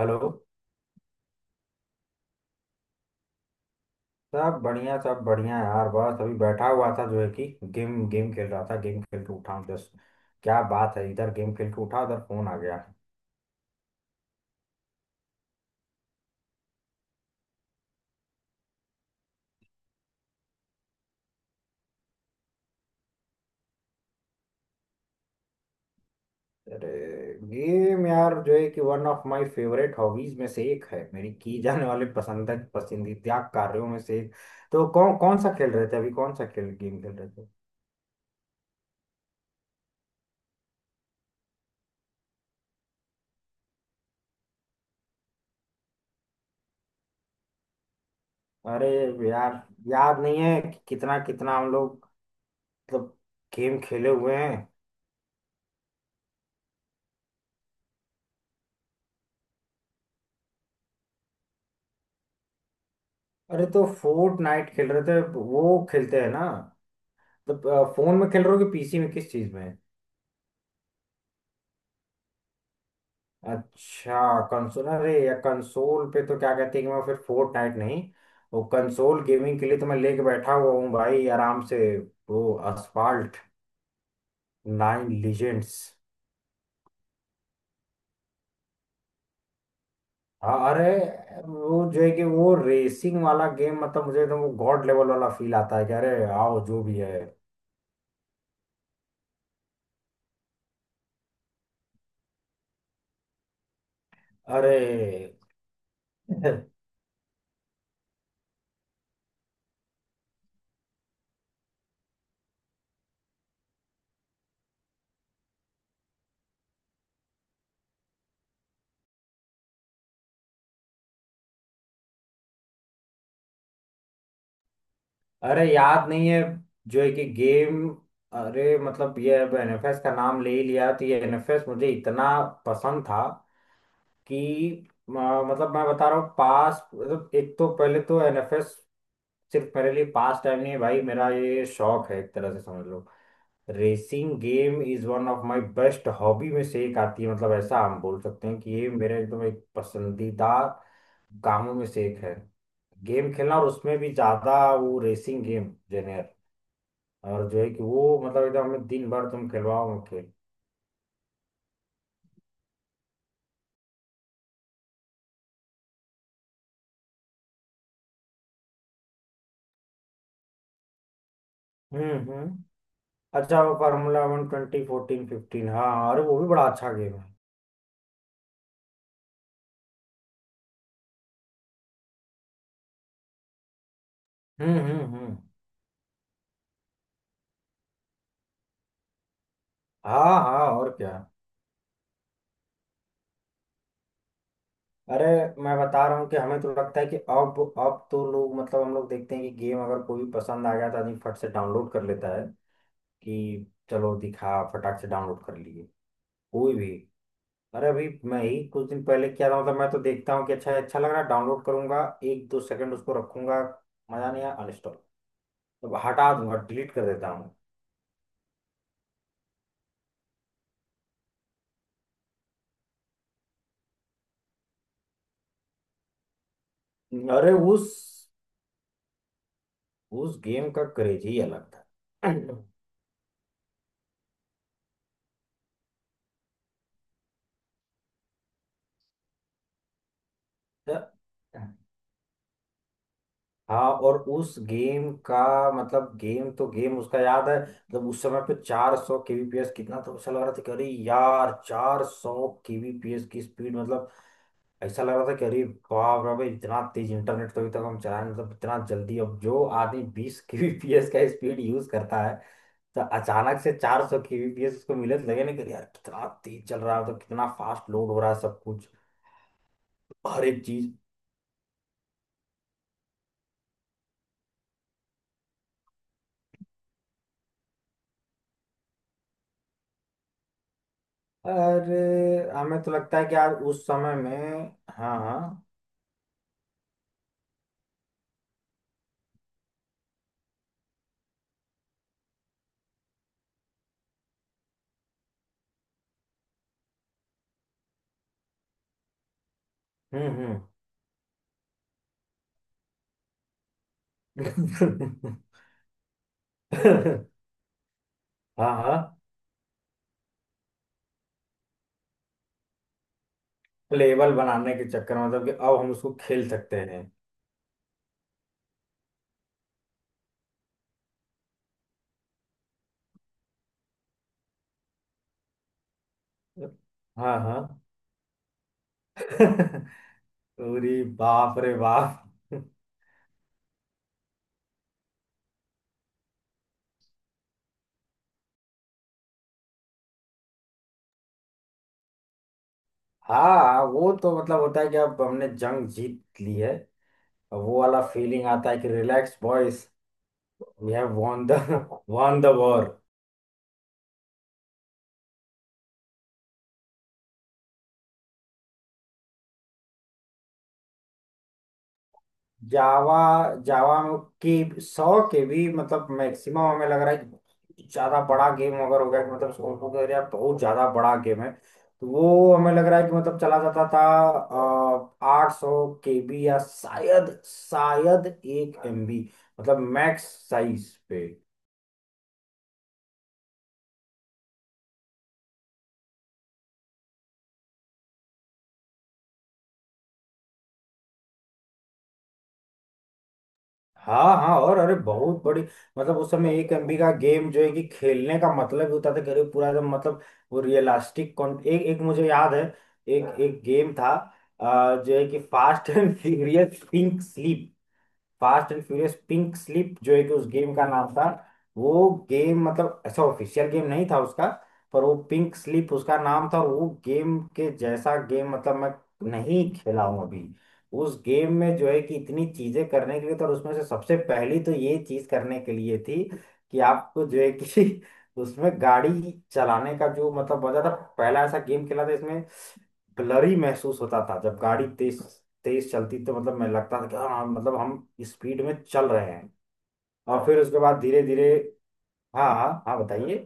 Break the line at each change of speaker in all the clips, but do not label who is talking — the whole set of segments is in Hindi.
हेलो। सब बढ़िया यार, बस अभी बैठा हुआ था जो है कि गेम गेम खेल रहा था। गेम खेल के उठा हूँ जस्ट। क्या बात है, इधर गेम खेल के उठा उधर फोन आ गया। अरे गेम यार जो है कि one of my favourite hobbies में से एक है, मेरी की जाने वाले पसंद पसंदीदा कार्यों में से एक। तो कौन कौन सा खेल रहे थे अभी? कौन सा खेल गेम खेल रहे थे? अरे यार, याद नहीं है कि कितना कितना हम लोग, मतलब गेम खेले हुए हैं। अरे तो फोर्ट नाइट खेल रहे थे, वो खेलते हैं ना। मतलब फोन में खेल रहे हो कि पीसी में, किस चीज में? अच्छा कंसोल। अरे या कंसोल पे तो क्या कहते हैं कि मैं फिर फोर्ट नाइट नहीं, वो कंसोल गेमिंग के लिए तो मैं लेके बैठा हुआ हूँ भाई आराम से। वो असफाल्ट नाइन लीजेंड्स। अरे वो जो है कि वो रेसिंग वाला गेम, मतलब मुझे तो वो गॉड लेवल वाला फील आता है कि अरे आओ जो भी है। अरे अरे याद नहीं है जो है कि गेम। अरे मतलब ये एनएफएस का नाम ले ही लिया तो ये एनएफएस मुझे इतना पसंद था कि मतलब मैं बता रहा हूँ पास, मतलब एक तो पहले तो एनएफएस सिर्फ मेरे लिए पास टाइम नहीं है भाई, मेरा ये शौक है एक तरह से समझ लो। Racing game is one of my best hobby में से एक आती है, मतलब ऐसा हम बोल सकते हैं कि ये मेरा एकदम एक पसंदीदा कामों में से एक है। गेम खेलना और उसमें भी ज्यादा वो रेसिंग गेम। और जो है कि वो मतलब एकदम हमें दिन भर तुम खिलवाओ खेल। हम्म। अच्छा वो Formula One twenty fourteen fifteen, हाँ हाँ, अरे वो भी बड़ा अच्छा गेम है। हम्म। हाँ हाँ और क्या। अरे मैं बता रहा हूँ कि हमें तो लगता है कि अब तो लोग, मतलब हम लोग देखते हैं कि गेम अगर कोई भी पसंद आ गया तो आदमी फट से डाउनलोड कर लेता है कि चलो दिखा, फटाक से डाउनलोड कर लिए कोई भी। अरे अभी मैं ही कुछ दिन पहले किया था, मतलब मैं तो देखता हूँ कि अच्छा अच्छा लग रहा है डाउनलोड करूंगा, एक दो सेकंड उसको रखूंगा, मजा नहीं आया अनइंस्टॉल, मतलब हटा दूंगा डिलीट कर देता हूँ। अरे उस गेम का क्रेज ही अलग था। तो- हाँ और उस गेम का मतलब गेम तो गेम उसका याद है, मतलब उस समय पे 400 kbps कितना, तो ऐसा लग रहा था कि अरे यार 400 kbps की स्पीड मतलब, ऐसा लग रहा था कि अरे बाप रे भाई इतना तेज इंटरनेट तो अभी तक हम चलाए नहीं, मतलब इतना जल्दी। अब जो आदमी 20 kbps का स्पीड यूज करता है तो अचानक से 400 kbps उसको मिले तो लगे ना कि यार कितना तेज चल रहा है, तो कितना फास्ट लोड हो रहा है सब कुछ, हर एक चीज। अरे हमें तो लगता है कि यार उस समय में, हाँ हाँ, हम्म हम्म, हाँ हाँ। लेवल बनाने के चक्कर में, मतलब कि अब हम उसको खेल सकते हैं। हाँ हाँ, अरे बाप रे बाप। हाँ वो तो मतलब होता है कि अब हमने जंग जीत ली है। और वो वाला फीलिंग आता है कि relax boys, We have won the won the war। Java Java की सौ के भी, मतलब मैक्सिमम हमें लग रहा है कि ज्यादा बड़ा गेम अगर हो गया कि मतलब सोचो कि अरे यार बहुत ज्यादा बड़ा गेम है तो वो हमें लग रहा है कि मतलब चला जाता था आठ सौ के बी या शायद शायद एक एम बी, मतलब मैक्स साइज पे। हाँ हाँ, और अरे बहुत बड़ी, मतलब उस समय एक एमबी का गेम जो है कि खेलने का मतलब ही होता था करीब पूरा एकदम, मतलब वो रियलिस्टिक कॉन, एक एक मुझे याद है एक एक गेम था जो है कि Fast and Furious think, Fast and Furious Pink Slip जो है कि उस गेम का नाम था। वो गेम मतलब ऐसा ऑफिशियल गेम नहीं था उसका, पर वो पिंक स्लिप उसका नाम था। और वो गेम के जैसा गेम मतलब मैं नहीं खेला हूं अभी। उस गेम में जो है कि इतनी चीजें करने के लिए तो, और उसमें से सबसे पहली तो ये चीज करने के लिए थी कि आपको जो है कि उसमें गाड़ी चलाने का जो मतलब मजा था, पहला ऐसा गेम खेला था इसमें ब्लरी महसूस होता था जब गाड़ी तेज तेज चलती तो, मतलब मैं लगता था कि हाँ, मतलब हम स्पीड में चल रहे हैं। और फिर उसके बाद धीरे धीरे, हाँ हाँ हाँ बताइए।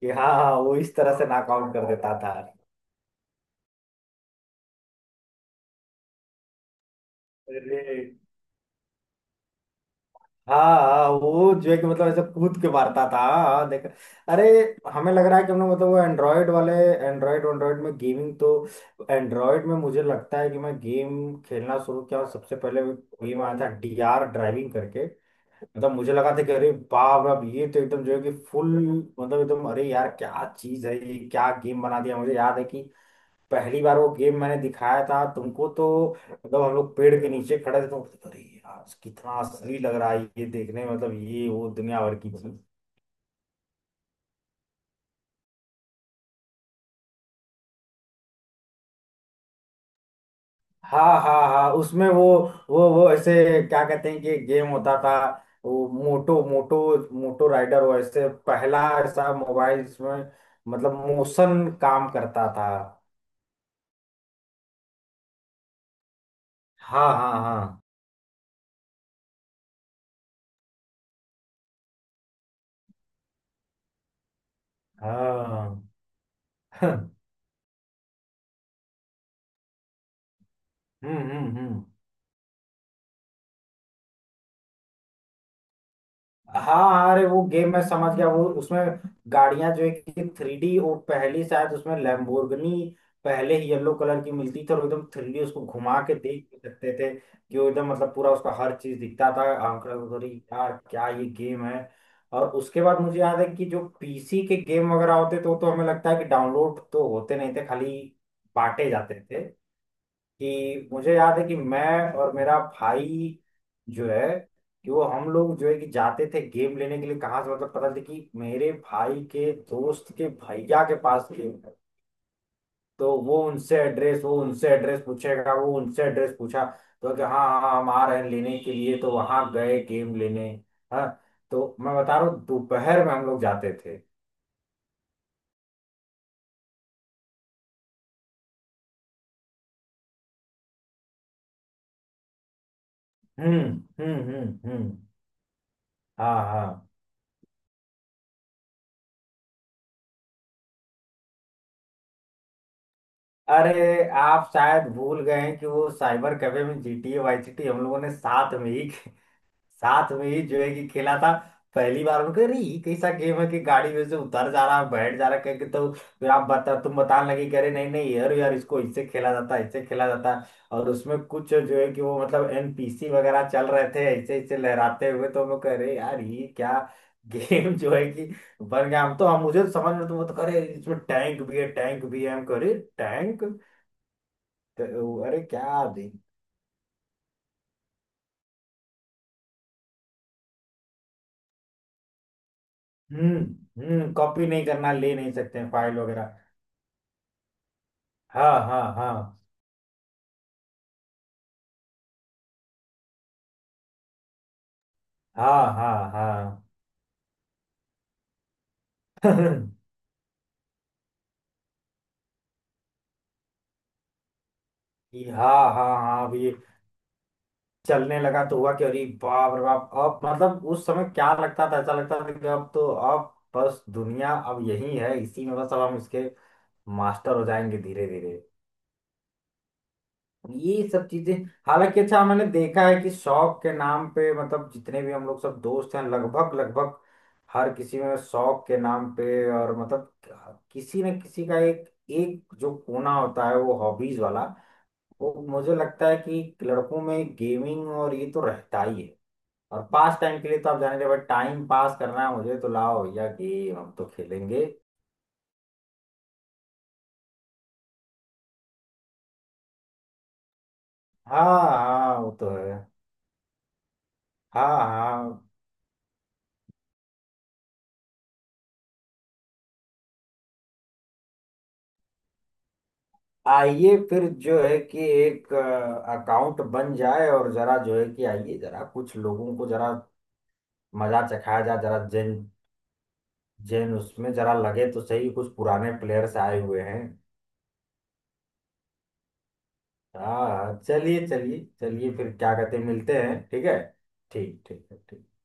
कि हाँ हाँ, वो इस तरह से नॉकआउट कर देता था। अरे हाँ हाँ, वो जो है कि मतलब ऐसे कूद के मारता था, हाँ हाँ, देख। अरे हमें लग रहा है कि हमने मतलब वो एंड्रॉयड वाले एंड्रॉयड एंड्रॉयड में गेमिंग तो, एंड्रॉयड में मुझे लगता है कि मैं गेम खेलना शुरू किया और सबसे पहले गेम आया था डीआर ड्राइविंग करके, मतलब मुझे लगा था कि अरे बाप रे, अब ये तो एकदम जो है कि फुल, मतलब एकदम अरे यार क्या चीज है, ये क्या गेम बना दिया। मुझे याद है कि पहली बार वो गेम मैंने दिखाया था तुमको तो, मतलब हम लोग पेड़ के नीचे खड़े थे तो अरे यार कितना असली लग रहा है ये देखने में, मतलब ये वो दुनिया भर की चीज। हाँ हाँ हाँ, उसमें वो, वो ऐसे क्या कहते हैं कि गेम होता था। वो मोटो मोटो मोटो राइडर, वो ऐसे पहला ऐसा मोबाइल जिसमें मतलब मोशन काम करता था। हाँ हाँ हाँ हाँ। हम्म। हाँ हाँ, अरे वो गेम मैं समझ गया, वो उसमें गाड़ियां जो है कि थ्री डी, वो पहली शायद उसमें लैम्बोर्गिनी पहले ही येलो कलर की मिलती थी, और एकदम थ्री डी, उसको घुमा के देख भी सकते थे कि वो एकदम मतलब पूरा उसका हर चीज दिखता था। आंकड़ा उधरी यार क्या ये गेम है। और उसके बाद मुझे याद है कि जो पीसी के गेम वगैरह होते तो हमें लगता है कि डाउनलोड तो होते नहीं थे, खाली बांटे जाते थे। कि मुझे याद है कि मैं और मेरा भाई जो है कि, वो हम लोग जो है कि जाते थे गेम लेने के लिए कहाँ से, मतलब पता चला कि मेरे भाई के दोस्त के भैया के पास गेम है तो वो उनसे एड्रेस, वो उनसे एड्रेस पूछेगा, वो उनसे एड्रेस पूछा तो कि हाँ हाँ हाँ, हम आ रहे हैं लेने के लिए तो वहां गए गेम लेने। हाँ तो मैं बता रहा हूँ दोपहर में हम लोग जाते थे। हम्म हम्म। हाँ हाँ। अरे आप शायद भूल गए हैं कि वो साइबर कैफे में GTA वाई जीटी हम लोगों ने साथ में ही, साथ में ही जो है कि खेला था। पहली बार उनको अरे ये कैसा गेम है कि गाड़ी में से उतर जा रहा है बैठ जा रहा है कह के, तो फिर आप बता तुम बताने लगे कि अरे नहीं नहीं यार यार इसको इससे खेला जाता है, इससे खेला जाता है। और उसमें कुछ जो है कि वो मतलब एनपीसी वगैरह चल रहे थे ऐसे ऐसे लहराते हुए तो हम लोग कह रहे यार ये क्या गेम जो है कि बन गया, हम तो हम मुझे तो समझ में तो वो तो करे इसमें टैंक भी है, टैंक भी है हम कह रहे टैंक, तो अरे क्या दिन। हम्म हम्म। कॉपी नहीं करना, ले नहीं सकते हैं फाइल वगैरह। हाँ हाँ हाँ हाँ हाँ हाँ ये हाँ हाँ हाँ। अब ये चलने लगा तो हुआ कि अरे बाप रे बाप, अब मतलब उस समय क्या लगता था, ऐसा लगता था कि अब तो अब बस दुनिया अब यही है, इसी में बस अब हम इसके मास्टर हो जाएंगे धीरे धीरे। ये सब चीजें, हालांकि अच्छा मैंने देखा है कि शौक के नाम पे, मतलब जितने भी हम लोग सब दोस्त हैं लगभग लगभग हर किसी में शौक के नाम पे, और मतलब किसी न किसी का एक, एक जो कोना होता है वो हॉबीज वाला, वो मुझे लगता है कि लड़कों में गेमिंग और ये तो रहता ही है। और पास टाइम के लिए तो आप जाने भाई, टाइम पास करना है मुझे तो लाओ भैया गेम हम तो खेलेंगे। हाँ हाँ वो तो है। हाँ हाँ। आइए फिर जो है कि एक अकाउंट बन जाए, और जरा जो है कि आइए जरा कुछ लोगों को जरा मजा चखाया जाए, जरा जैन जैन उसमें जरा लगे तो सही, कुछ पुराने प्लेयर्स आए हुए हैं। हाँ चलिए चलिए चलिए फिर क्या कहते हैं, मिलते हैं ठीक है। ठीक ठीक है ठीक।